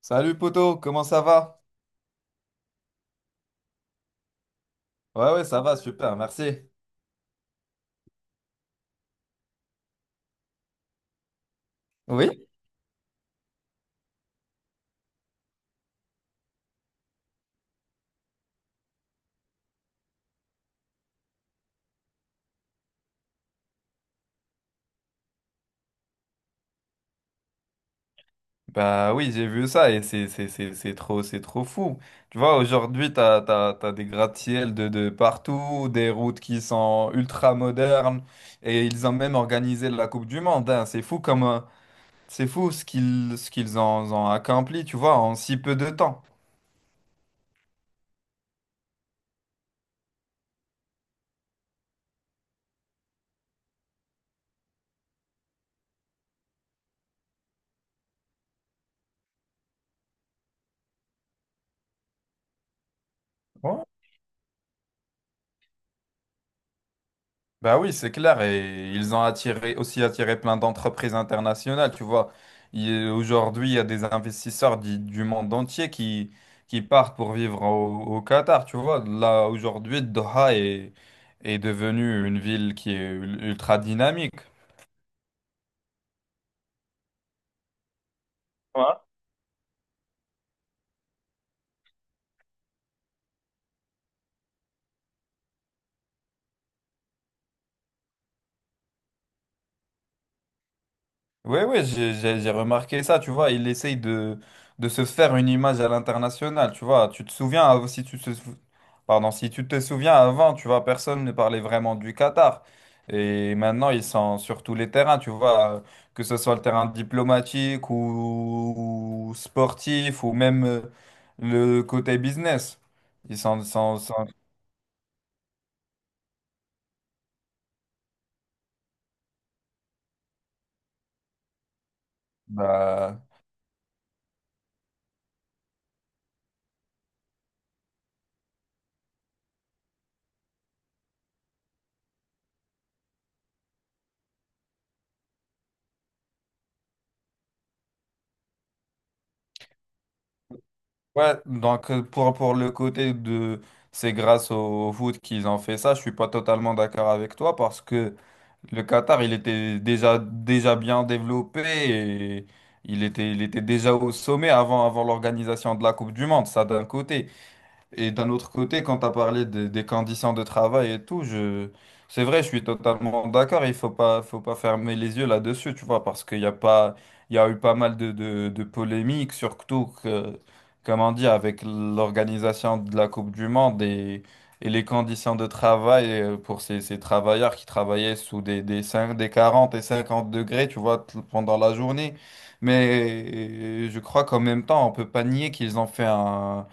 Salut poto, comment ça va? Ouais ouais ça va super, merci. Oui? Bah oui j'ai vu ça et c'est trop fou. Tu vois aujourd'hui t'as des gratte-ciel de partout, des routes qui sont ultra modernes et ils ont même organisé la Coupe du Monde, hein. C'est fou ce qu'ils ont accompli tu vois en si peu de temps. Bah oui, c'est clair. Et ils ont aussi attiré plein d'entreprises internationales. Tu vois, aujourd'hui, il y a des investisseurs du monde entier qui, partent pour vivre au Qatar. Tu vois, là, aujourd'hui, Doha est devenue une ville qui est ultra dynamique. Ouais. Ouais, ouais, j'ai remarqué ça, tu vois, il essaye de se faire une image à l'international, tu vois, tu te souviens, av- si tu te, sou- pardon, si tu te souviens avant, tu vois, personne ne parlait vraiment du Qatar, et maintenant ils sont sur tous les terrains, tu vois, que ce soit le terrain diplomatique ou, sportif, ou même le côté business, ils sont, sont, sont- bah. Ouais, donc pour le côté de c'est grâce au foot qu'ils ont fait ça, je suis pas totalement d'accord avec toi parce que le Qatar, il était déjà bien développé et il était déjà au sommet avant l'organisation de la Coupe du Monde, ça d'un côté. Et d'un autre côté, quand tu as parlé des conditions de travail et tout, c'est vrai, je suis totalement d'accord. Il faut pas fermer les yeux là-dessus, tu vois, parce qu'il y a eu pas mal de polémiques, surtout que, comme on dit, avec l'organisation de la Coupe du Monde et les conditions de travail pour ces travailleurs qui travaillaient sous des 5, des 40 et 50 degrés, tu vois, pendant la journée. Mais je crois qu'en même temps, on peut pas nier qu'ils ont fait un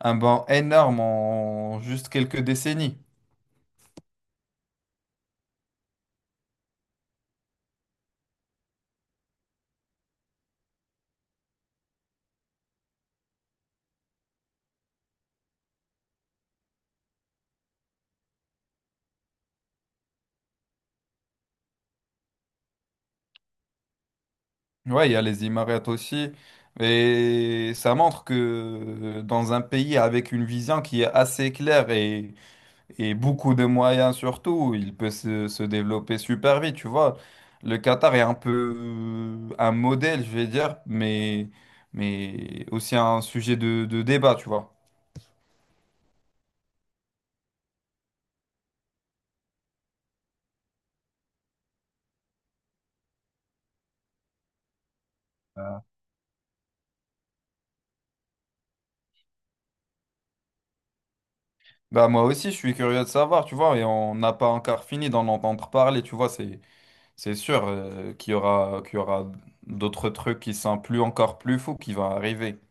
un banc énorme en juste quelques décennies. Ouais, il y a les Émirats aussi. Et ça montre que dans un pays avec une vision qui est assez claire et beaucoup de moyens surtout, il peut se développer super vite, tu vois. Le Qatar est un peu un modèle, je vais dire, mais aussi un sujet de débat, tu vois. Bah moi aussi, je suis curieux de savoir, tu vois, et on n'a pas encore fini d'en entendre parler, tu vois, c'est... C'est sûr qu'il y aura d'autres trucs qui sont plus encore plus fous qui vont arriver.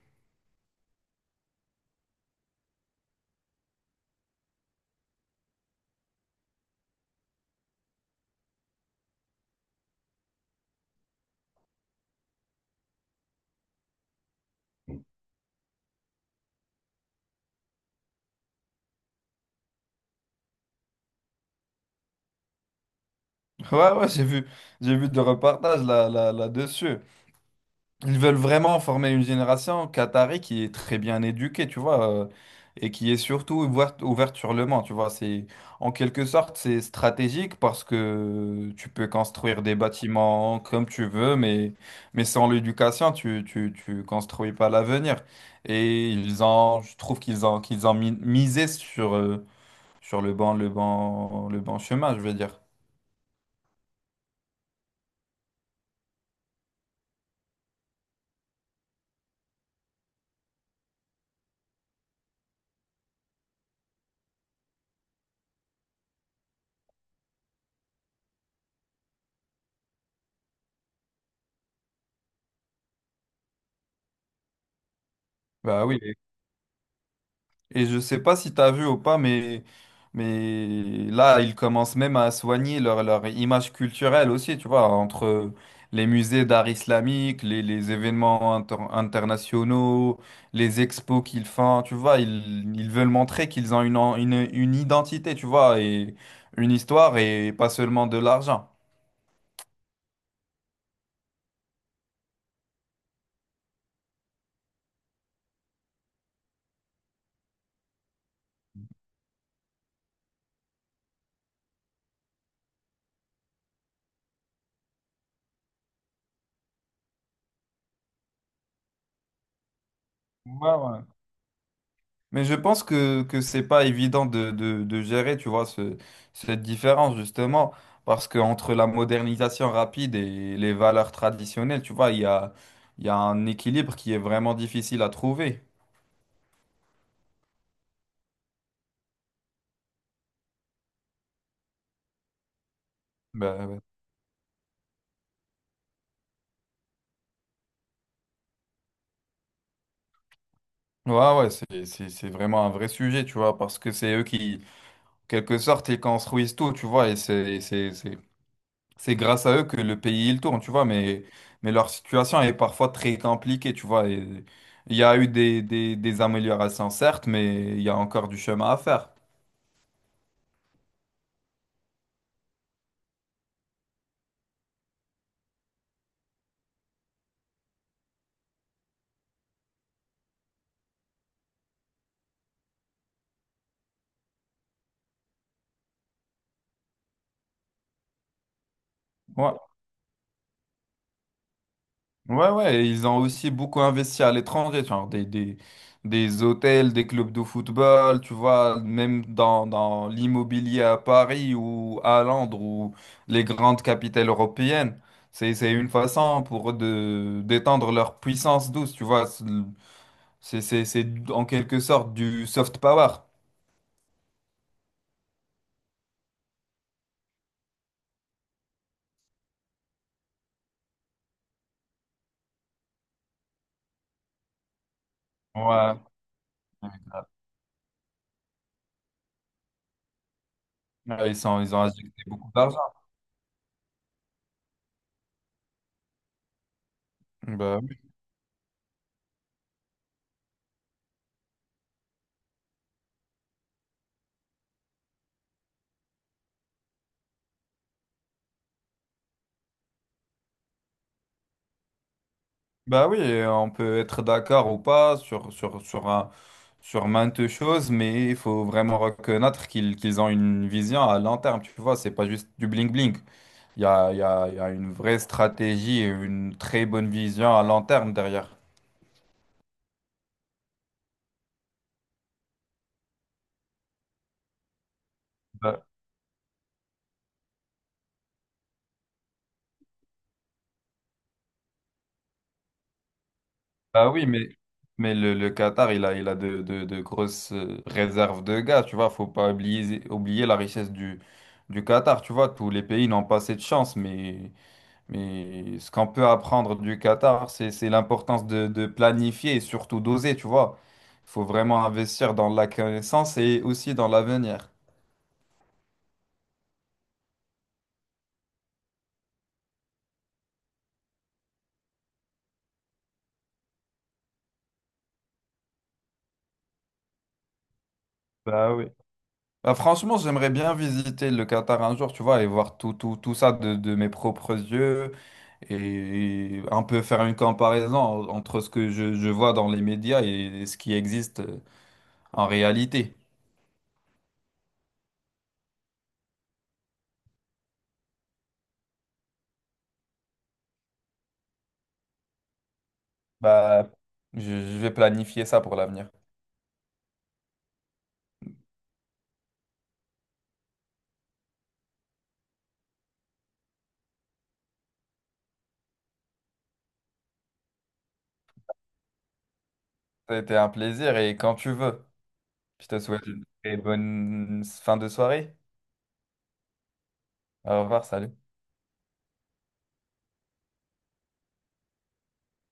Ouais, ouais, j'ai vu des reportages là-dessus. Ils veulent vraiment former une génération qatari qui est très bien éduquée, tu vois, et qui est surtout ouverte sur le monde, tu vois. C'est, en quelque sorte, c'est stratégique parce que tu peux construire des bâtiments comme tu veux, mais sans l'éducation, tu construis pas l'avenir. Je trouve qu'ils ont misé sur le bon chemin, je veux dire. Bah oui. Et je sais pas si t'as vu ou pas, mais là, ils commencent même à soigner leur image culturelle aussi, tu vois, entre les musées d'art islamique, les événements internationaux, les expos qu'ils font, tu vois, ils veulent montrer qu'ils ont une identité, tu vois, et une histoire et pas seulement de l'argent. Mais je pense que c'est pas évident de gérer, tu vois, cette différence, justement, parce que entre la modernisation rapide et les valeurs traditionnelles, tu vois, il y a un équilibre qui est vraiment difficile à trouver. Ben, ouais, ouais, ouais, c'est vraiment un vrai sujet, tu vois, parce que c'est eux qui, en quelque sorte, ils construisent tout, tu vois, et c'est grâce à eux que le pays il tourne, tu vois, mais leur situation est parfois très compliquée, tu vois. Et il y a eu des améliorations, certes, mais il y a encore du chemin à faire. Ouais, ouais, ouais. Et ils ont aussi beaucoup investi à l'étranger, genre des hôtels, des clubs de football, tu vois, même dans l'immobilier à Paris ou à Londres ou les grandes capitales européennes. C'est une façon pour eux de d'étendre leur puissance douce, tu vois. C'est en quelque sorte du soft power. Ouais. Ouais, ils ont injecté beaucoup d'argent. Bah, oui. Bah oui, et on peut être d'accord ou pas sur maintes choses, mais il faut vraiment reconnaître qu'ils ont une vision à long terme. Tu vois, c'est pas juste du bling-bling. Il y a, il y a, il y a une vraie stratégie et une très bonne vision à long terme derrière. Ah oui, mais le Qatar, il a de grosses réserves de gaz, tu vois. Faut pas oublier la richesse du Qatar, tu vois. Tous les pays n'ont pas cette chance, mais ce qu'on peut apprendre du Qatar, c'est l'importance de planifier et surtout d'oser, tu vois. Faut vraiment investir dans la connaissance et aussi dans l'avenir. Bah oui. Bah, franchement, j'aimerais bien visiter le Qatar un jour, tu vois, et voir tout ça de mes propres yeux et un peu faire une comparaison entre ce que je vois dans les médias et ce qui existe en réalité. Bah, je vais planifier ça pour l'avenir. Ça a été un plaisir et quand tu veux, je te souhaite une très bonne fin de soirée. Au revoir, salut.